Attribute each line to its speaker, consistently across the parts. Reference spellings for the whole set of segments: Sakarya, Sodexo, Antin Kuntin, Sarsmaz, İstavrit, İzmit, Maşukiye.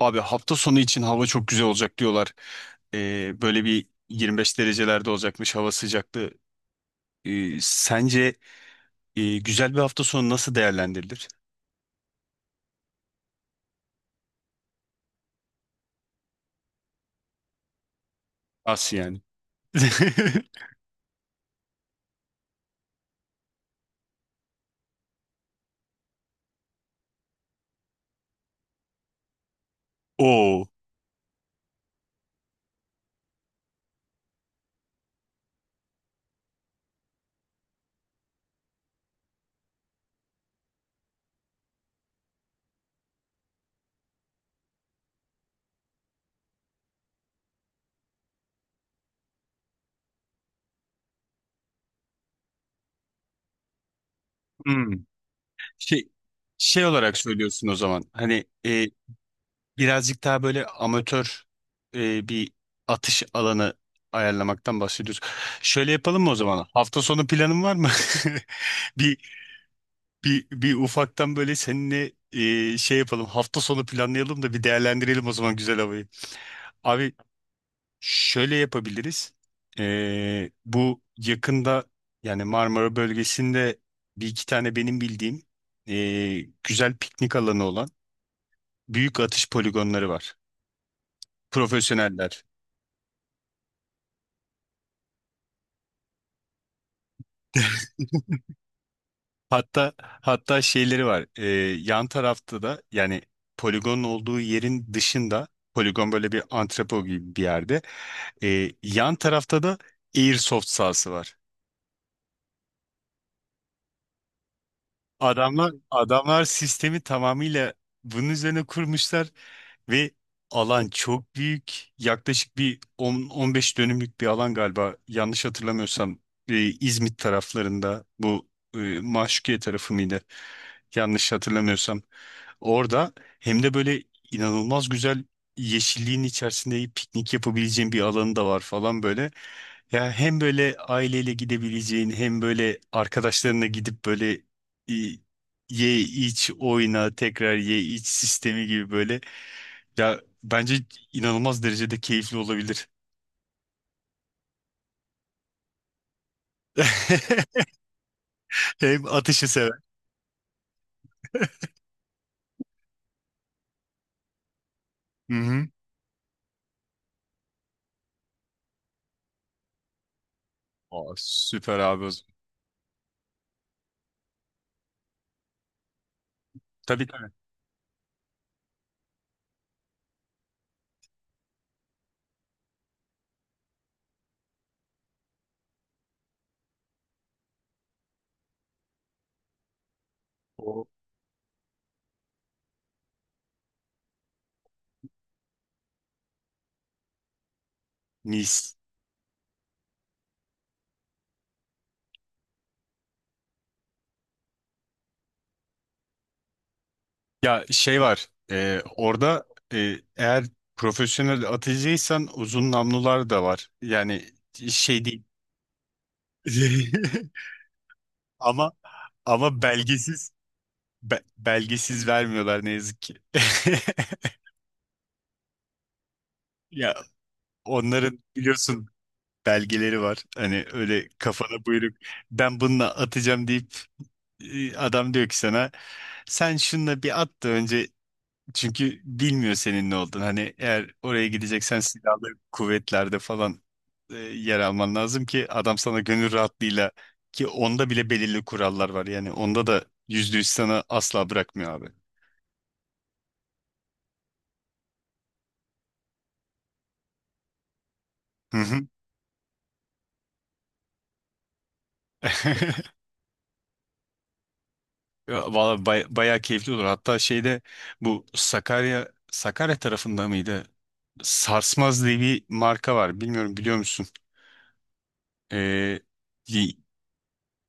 Speaker 1: Abi hafta sonu için hava çok güzel olacak diyorlar. Böyle bir 25 derecelerde olacakmış hava sıcaklığı. Sence güzel bir hafta sonu nasıl değerlendirilir? Nasıl yani? Oo. Hmm. Şey, Şey olarak söylüyorsun o zaman. Hani birazcık daha böyle amatör bir atış alanı ayarlamaktan bahsediyoruz. Şöyle yapalım mı o zaman? Hafta sonu planın var mı? Bir bir ufaktan böyle seninle şey yapalım. Hafta sonu planlayalım da bir değerlendirelim o zaman güzel havayı. Abi şöyle yapabiliriz. Bu yakında yani Marmara bölgesinde bir iki tane benim bildiğim güzel piknik alanı olan büyük atış poligonları var. Profesyoneller. Hatta şeyleri var. Yan tarafta da yani poligonun olduğu yerin dışında poligon böyle bir antrepo gibi bir yerde. Yan tarafta da airsoft sahası var. Adamlar sistemi tamamıyla bunun üzerine kurmuşlar ve alan çok büyük. Yaklaşık bir 10-15 dönümlük bir alan galiba. Yanlış hatırlamıyorsam İzmit taraflarında bu Maşukiye tarafı mıydı? Yanlış hatırlamıyorsam. Orada hem de böyle inanılmaz güzel yeşilliğin içerisinde piknik yapabileceğin bir alanı da var falan böyle. Ya hem böyle aileyle gidebileceğin hem böyle arkadaşlarına gidip böyle e, ye iç oyna tekrar ye iç sistemi gibi böyle. Ya bence inanılmaz derecede keyifli olabilir. Hem atışı sever. Hı hı. Aa, süper abi o zaman. Tabii, tabii. O mis. Ya şey var orada eğer profesyonel atıcıysan uzun namlular da var. Yani şey değil. Ama ama belgesiz belgesiz vermiyorlar ne yazık ki. Ya onların biliyorsun belgeleri var. Hani öyle kafana buyruk ben bununla atacağım deyip adam diyor ki sana sen şununla bir at da önce. Çünkü bilmiyor senin ne olduğunu. Hani eğer oraya gideceksen silahlı kuvvetlerde falan yer alman lazım ki adam sana gönül rahatlığıyla, ki onda bile belirli kurallar var. Yani onda da %100 sana asla bırakmıyor abi. Hı hı. Ya, valla bayağı keyifli olur. Hatta şeyde bu Sakarya tarafında mıydı? Sarsmaz diye bir marka var. Bilmiyorum, biliyor musun? Ee,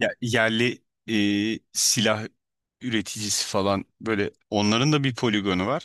Speaker 1: Ya yerli silah üreticisi falan böyle onların da bir poligonu var.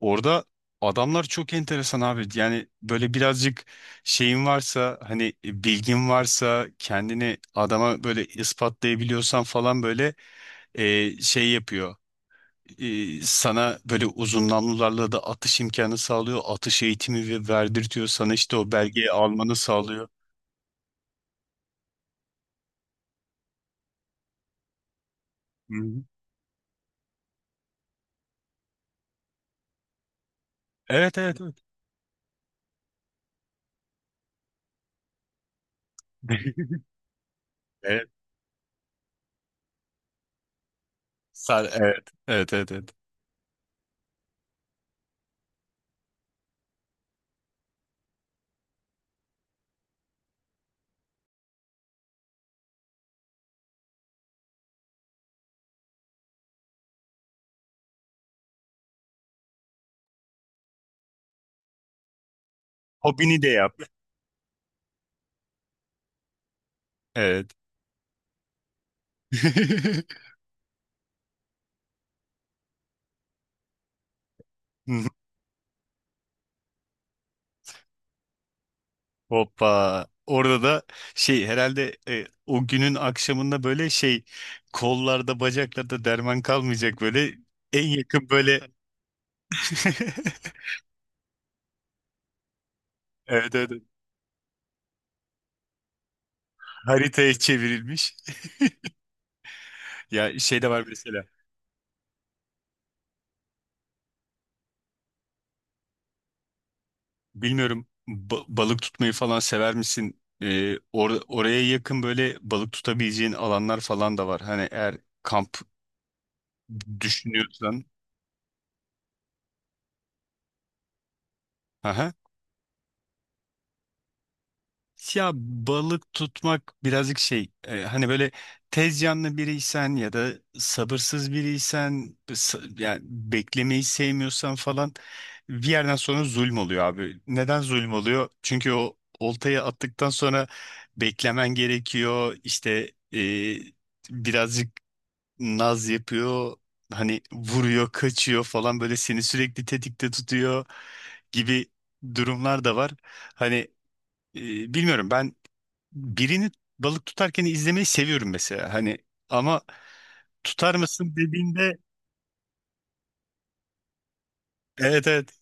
Speaker 1: Orada adamlar çok enteresan abi. Yani böyle birazcık şeyin varsa hani bilgin varsa kendini adama böyle ispatlayabiliyorsan falan böyle şey yapıyor. Sana böyle uzun namlularla da atış imkanı sağlıyor. Atış eğitimi verdirtiyor. Sana işte o belgeyi almanı sağlıyor. Hı hı. Evet, evet, evet. Evet. Sar, evet. Evet, evet, evet. Hobini de yap. Evet. Hoppa. Orada da şey herhalde, o günün akşamında böyle şey, kollarda bacaklarda derman kalmayacak böyle en yakın böyle. Evet, evet, evet. Haritaya çevrilmiş. Ya şey de var mesela, bilmiyorum, balık tutmayı falan sever misin? Oraya yakın böyle balık tutabileceğin alanlar falan da var. Hani eğer kamp düşünüyorsan. Ya balık tutmak birazcık şey, hani böyle tez canlı biriysen ya da sabırsız biriysen, yani beklemeyi sevmiyorsan falan bir yerden sonra zulüm oluyor abi. Neden zulüm oluyor? Çünkü o oltayı attıktan sonra beklemen gerekiyor işte, birazcık naz yapıyor, hani vuruyor kaçıyor falan böyle seni sürekli tetikte tutuyor gibi durumlar da var. Hani bilmiyorum, ben birini balık tutarken izlemeyi seviyorum mesela. Hani ama tutar mısın dediğinde evet, evet,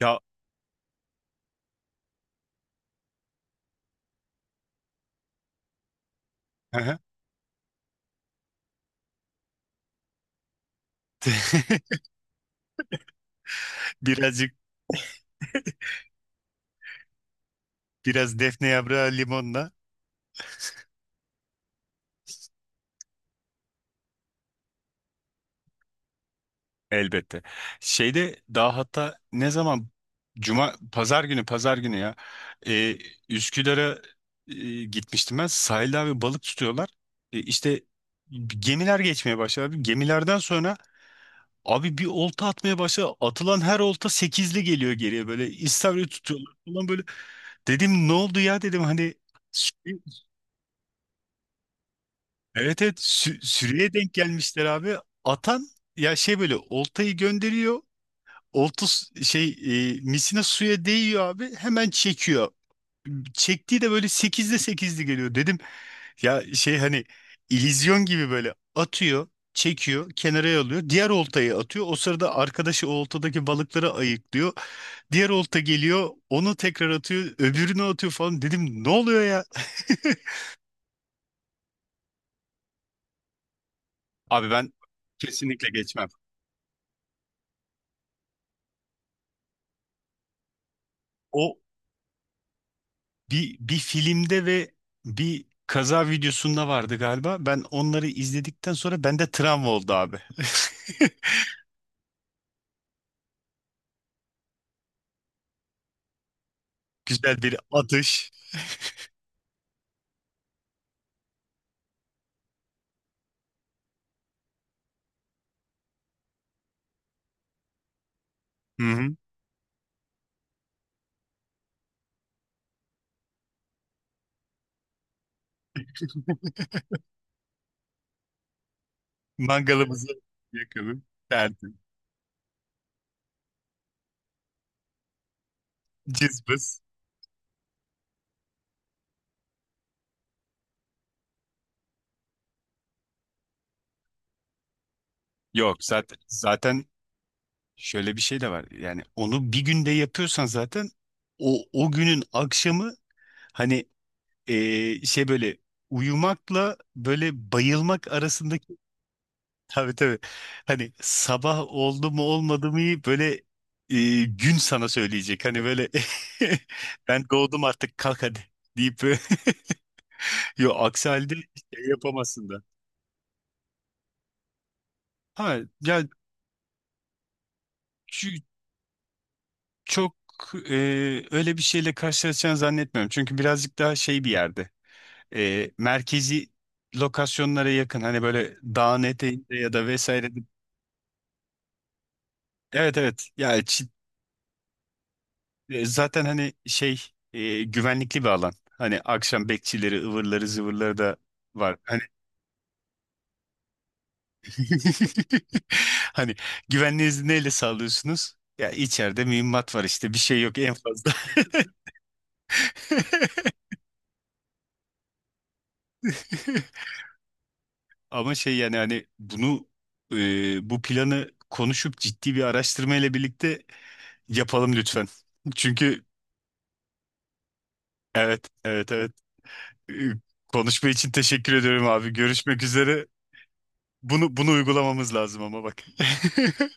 Speaker 1: ya, aha. Birazcık biraz defne yaprağı limonla, elbette. Şeyde daha hatta ne zaman, Cuma pazar günü ya, e, Üsküdar'a gitmiştim ben, sahilde abi balık tutuyorlar. İşte gemiler geçmeye başladı. Gemilerden sonra abi bir olta atmaya başla. Atılan her olta sekizli geliyor geriye böyle. İstavrit tutuyorlar falan böyle. Dedim ne oldu ya, dedim hani sü- evet, evet, sürüye denk gelmişler abi. Atan ya şey böyle oltayı gönderiyor. Olta şey, misina suya değiyor abi. Hemen çekiyor. Çektiği de böyle sekizli sekizli geliyor. Dedim ya şey hani illüzyon gibi böyle atıyor. Çekiyor, kenara alıyor. Diğer oltayı atıyor. O sırada arkadaşı o oltadaki balıkları ayıklıyor. Diğer olta geliyor, onu tekrar atıyor, öbürünü atıyor falan. Dedim ne oluyor ya? Abi ben kesinlikle geçmem. O bir filmde ve bir kaza videosunda vardı galiba. Ben onları izledikten sonra bende travma oldu abi. Güzel bir atış. Hı hı. Mangalımızı yakalım. Derdim. Cızbız. Yok, zaten şöyle bir şey de var. Yani onu bir günde yapıyorsan zaten o günün akşamı hani şey böyle uyumakla böyle bayılmak arasındaki. Tabii, tabii, hani sabah oldu mu olmadı mı böyle, gün sana söyleyecek hani böyle, ben doğdum artık kalk hadi deyip yo, aksi halde şey yapamazsın da. Ha ya şu, çok e, öyle bir şeyle karşılaşacağını zannetmiyorum, çünkü birazcık daha şey bir yerde, merkezi lokasyonlara yakın, hani böyle dağın eteğinde ya da vesaire. Evet, evet. Ya zaten hani şey, güvenlikli bir alan. Hani akşam bekçileri, ıvırları, zıvırları da var. Hani hani güvenliğinizi neyle sağlıyorsunuz? Ya içeride mühimmat var işte, bir şey yok en fazla. Ama şey, yani hani bunu, bu planı konuşup ciddi bir araştırma ile birlikte yapalım lütfen. Çünkü. Evet, evet, evet. E, Konuşma için teşekkür ediyorum abi. Görüşmek üzere. Bunu uygulamamız lazım ama bak.